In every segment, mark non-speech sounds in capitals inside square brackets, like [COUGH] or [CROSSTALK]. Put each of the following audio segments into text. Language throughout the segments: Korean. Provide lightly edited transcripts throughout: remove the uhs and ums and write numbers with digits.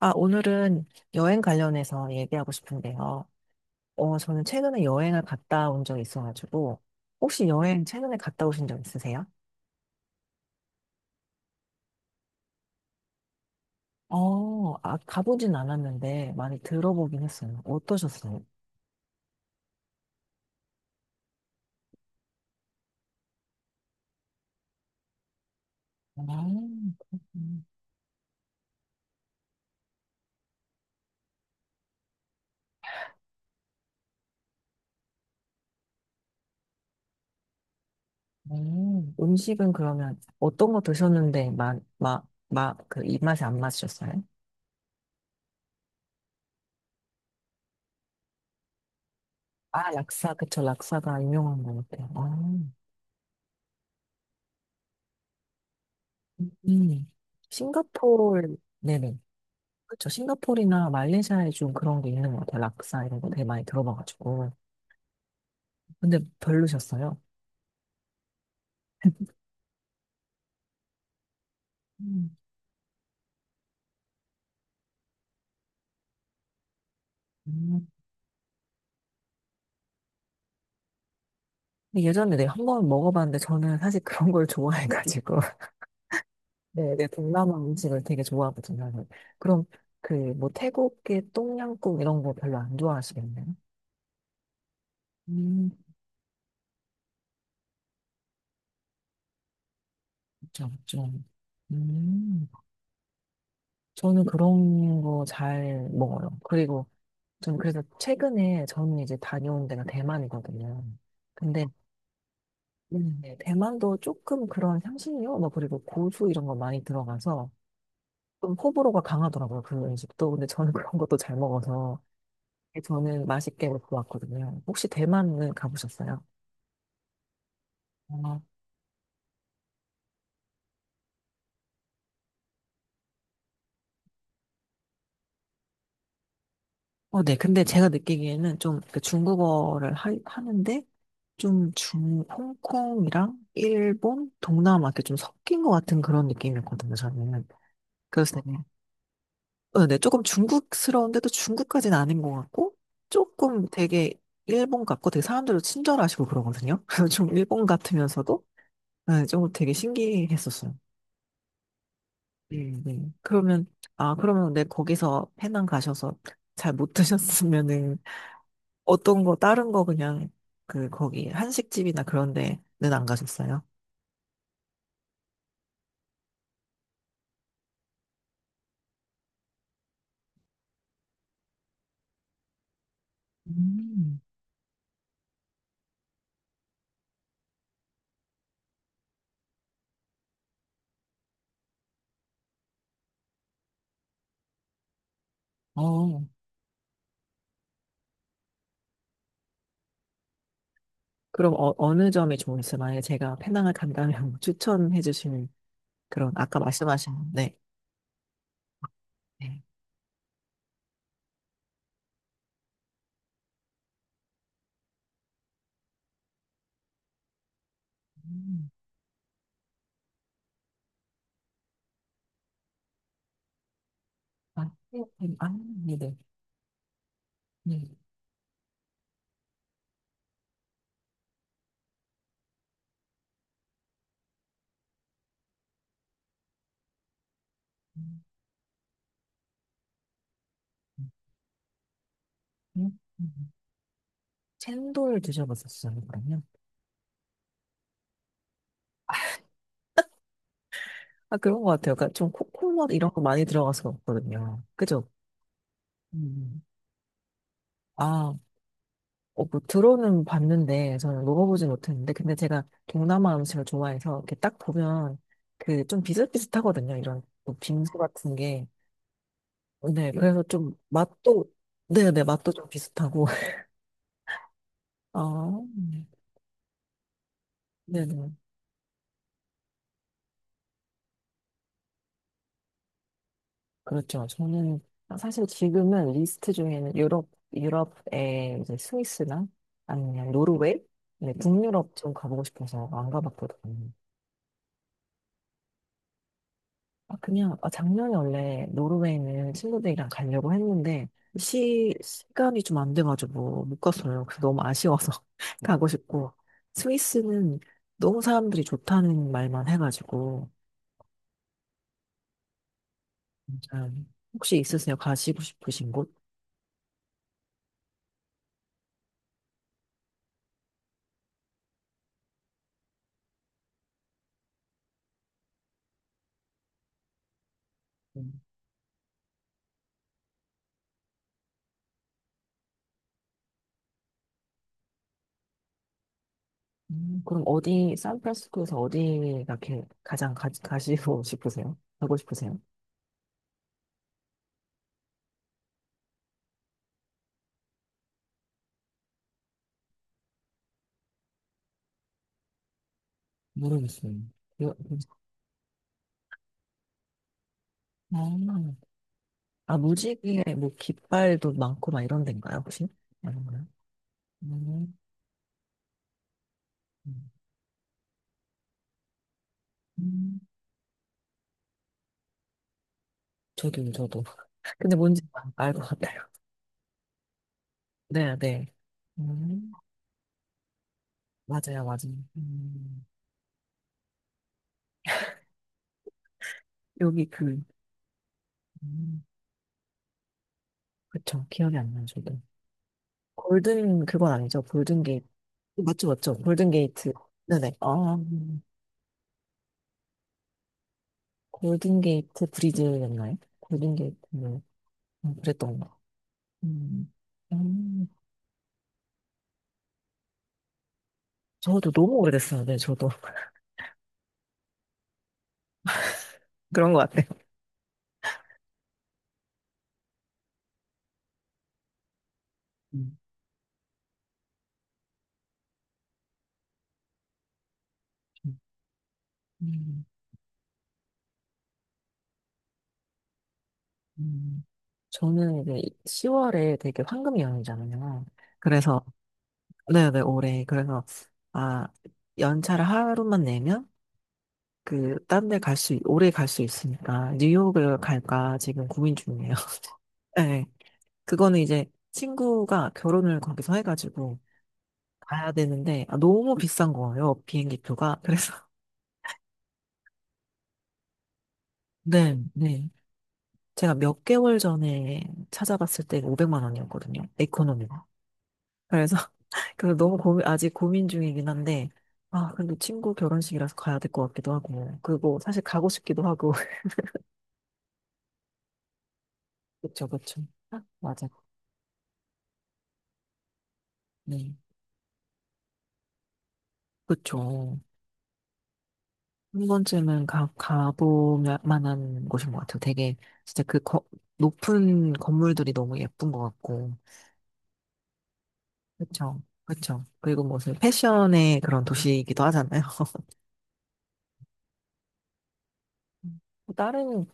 아, 오늘은 여행 관련해서 얘기하고 싶은데요. 저는 최근에 여행을 갔다 온 적이 있어가지고, 혹시 여행 최근에 갔다 오신 적 있으세요? 아, 가보진 않았는데 많이 들어보긴 했어요. 어떠셨어요? 아, 그렇구나. 음식은 그러면 어떤 거 드셨는데 막, 그 입맛에 안 맞으셨어요? 아, 락사, 그쵸. 락사가 유명한 거 같아요. 아, 음, 싱가포르, 네네. 그쵸. 싱가포르나 말레이시아에 좀 그런 게 있는 것 같아요. 락사 이런 거 되게 많이 들어봐가지고. 근데 별로셨어요. 음. 음. 근데 예전에 내가 한번 먹어봤는데 저는 사실 그런 걸 좋아해가지고. [LAUGHS] 네, 내 동남아 음식을 되게 좋아하거든요. 그래서 그럼 그 뭐 태국의 똠양꿍 이런 거 별로 안 좋아하시겠네요? 음, 그쵸, 그쵸. 음, 저는 그런 거 잘 먹어요. 그리고 저는 그래서 최근에 저는 이제 다녀온 데가 대만이거든요. 근데 네. 대만도 조금 그런 향신료, 뭐, 그리고 고수 이런 거 많이 들어가서 좀 호불호가 강하더라고요. 그 음식도. 근데 저는 [LAUGHS] 그런 것도 잘 먹어서 저는 맛있게 먹고 왔거든요. 혹시 대만은 가보셨어요? 어, 어, 네. 근데 제가 느끼기에는 좀 그 중국어를 하는데 좀 중, 홍콩이랑 일본, 동남아 이렇게 좀 섞인 것 같은 그런 느낌이었거든요, 저는. 그래서 되게 어, 네, 조금 중국스러운데도 중국까지는 아닌 것 같고, 조금 되게 일본 같고, 되게 사람들도 친절하시고 그러거든요. [LAUGHS] 그래서 좀 일본 같으면서도, 네, 좀 되게 신기했었어요. 네. 네. 그러면, 아, 그러면 네, 거기서 페낭 가셔서 잘 못 드셨으면은, 어떤 거, 다른 거 그냥, 그, 거기, 한식집이나 그런 데는 안 가셨어요? 음, 어, 그럼 어, 어느 점이 좋으세요? 만약에 제가 페낭을 간다면 [LAUGHS] 추천해 주시는 그런, 아까 말씀하신, 네. 네. 음, 아, 네, 네. 네. 아, 네네. 네. 음, 음, 음. 챈돌 드셔보셨어요, 그러면? 아, 그런 것 같아요. 그러니까 좀 코코넛 이런 거 많이 들어가서 먹거든요. 그죠? 음. 아, 어, 뭐 들어는 봤는데, 저는 먹어보진 못했는데, 근데 제가 동남아 음식을 좋아해서, 이렇게 딱 보면, 그, 좀 비슷비슷하거든요. 이런, 뭐 빙수 같은 게. 네, 그래서 좀 맛도, 네네, 맛도 좀 비슷하고. [LAUGHS] 아, 네네. 그렇죠. 저는 사실 지금은 리스트 중에는 유럽, 유럽의 이제 스위스나 아니면 노르웨이? 네, 북유럽 좀 가보고 싶어서 안 가봤거든요. 아, 그냥, 아, 작년에 원래 노르웨이는 친구들이랑 가려고 했는데, 시간이 좀 안 돼가지고 못 갔어요. 그래서 너무 아쉬워서 [LAUGHS] 가고 싶고, 스위스는 너무 사람들이 좋다는 말만 해가지고, 혹시 있으세요? 가시고 싶으신 곳? 그럼 어디, 샌프란시스코에서 어디가 가장 가, 가시고 [LAUGHS] 싶으세요? 가고 싶으세요? 모르겠어요. 여- 음. 아, 무지개, 뭐, 깃발도 많고, 막 이런 데인가요, 혹시? 아닌가요? 음, 음. 음. 저도, 저도. [LAUGHS] 근데 뭔지 알 것 같아요. 네, 네. 음, 맞아요, 맞아요. 여기 그, 음, 그쵸. 기억이 안 나요, 저도. 골든, 그건 아니죠. 골든 게이트. 맞죠, 맞죠. 골든 게이트. 네네. 아, 골든게이트 브리즈였나요? 골든게이트, 뭐, 그랬던 거. 음, 음, 저도 너무 오래됐어요. 네, 저도. [LAUGHS] 그런 것 같아요. 음, 음, 음, 음. 저는 이제 10월에 되게 황금 연휴잖아요. 그래서, 네네, 올해. 그래서, 아, 연차를 하루만 내면, 그, 딴 데 오래 갈 수 있으니까, 뉴욕을 갈까 지금 고민 중이에요. [LAUGHS] 네. 그거는 이제 친구가 결혼을 거기서 해가지고, 가야 되는데 아, 너무 비싼 거예요 비행기 표가. 그래서 [LAUGHS] 네 네. 제가 몇 개월 전에 찾아봤을 때 500만 원이었거든요, 에코노미가. 그래서 [LAUGHS] 그래서 너무 고민, 아직 고민 중이긴 한데 아, 근데 친구 결혼식이라서 가야 될 것 같기도 하고 그리고 사실 가고 싶기도 하고. [LAUGHS] 그쵸 그쵸. 맞아. 네. 그쵸. 한 번쯤은 가 가보면 만한 곳인 것 같아요 되게. 진짜 그 높은 건물들이 너무 예쁜 것 같고. 그쵸, 그쵸. 그리고 무슨 패션의 그런 도시이기도 하잖아요. [LAUGHS] 음. 다른,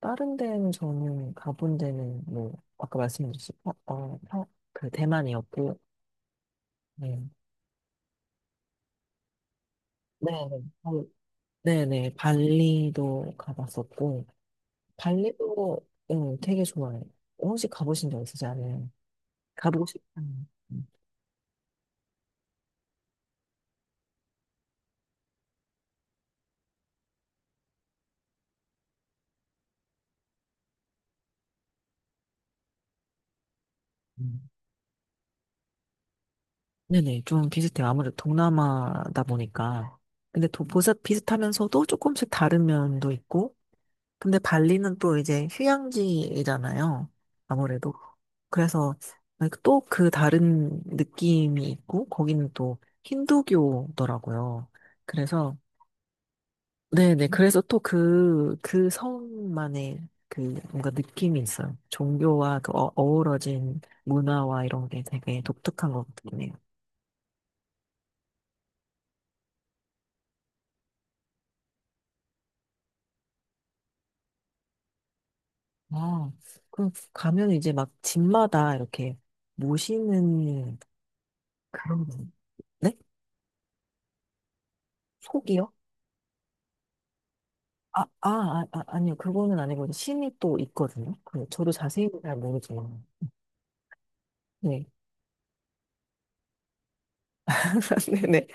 다른 데는 저는 가본 데는 뭐, 아까 말씀드렸듯이, 어, 어, 그 대만이었고, 네. 네, 네. 어, 네네. 발리도 가봤었고, 발리도, 응, 되게 좋아해요. 혹시 가보신 적 있으세요? 가보고 싶은. 음. 네네. 좀 비슷해요. 아무래도 동남아다 보니까. 근데 또 보사 비슷하면서도 조금씩 다른 면도 있고, 근데 발리는 또 이제 휴양지잖아요. 아무래도. 그래서 또 그 다른 느낌이 있고, 거기는 또 힌두교더라고요. 그래서, 네네. 그래서 또 그, 그 성만의 그 뭔가 느낌이 있어요. 종교와 그 어, 어우러진 문화와 이런 게 되게 독특한 것 같네요. 아, 그럼 가면 이제 막 집마다 이렇게 모시는 그런, 네? 속이요? 아, 아, 아, 아, 아니요. 그거는 아니고 신이 또 있거든요. 그 저도 자세히 잘 모르지만. 네. [LAUGHS] 네네.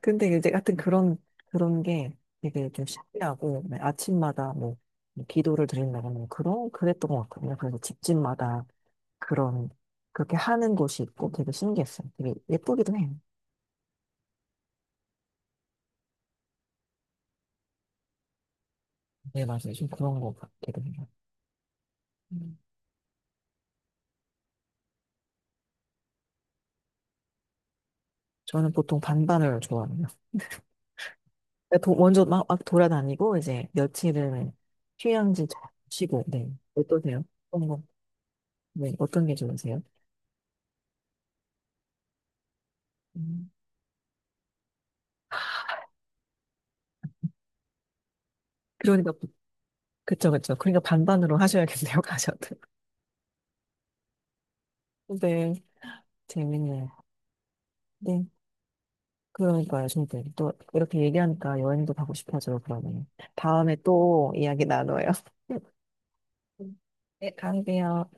근데 이제 하여튼 그런, 그런 게 되게 좀 신기하고, 네, 아침마다 뭐 기도를 드린다거나 뭐 그런, 그랬던 것 같거든요. 그래서 집집마다 그런, 그렇게 하는 곳이 있고 되게 신기했어요. 되게 예쁘기도 해요. 네, 맞아요. 좀 그런 것 같기도 해요. 음. 저는 보통 반반을 좋아합니다. 그러니까 먼저 막, 막 돌아다니고 이제 며칠은 휴양지 잘 쉬고. 네, 어떠세요? 어떤 거? 네, 어떤 게 좋으세요? 음. 그러니까 그쵸 그쵸. 그러니까 반반으로 하셔야겠네요. [LAUGHS] 가셔도 네. 재밌네요. 네. 그러니까요, 저도 또 이렇게 얘기하니까 여행도 가고 싶어져요. 그러면 다음에 또 이야기 나눠요. [LAUGHS] 네, 가세요.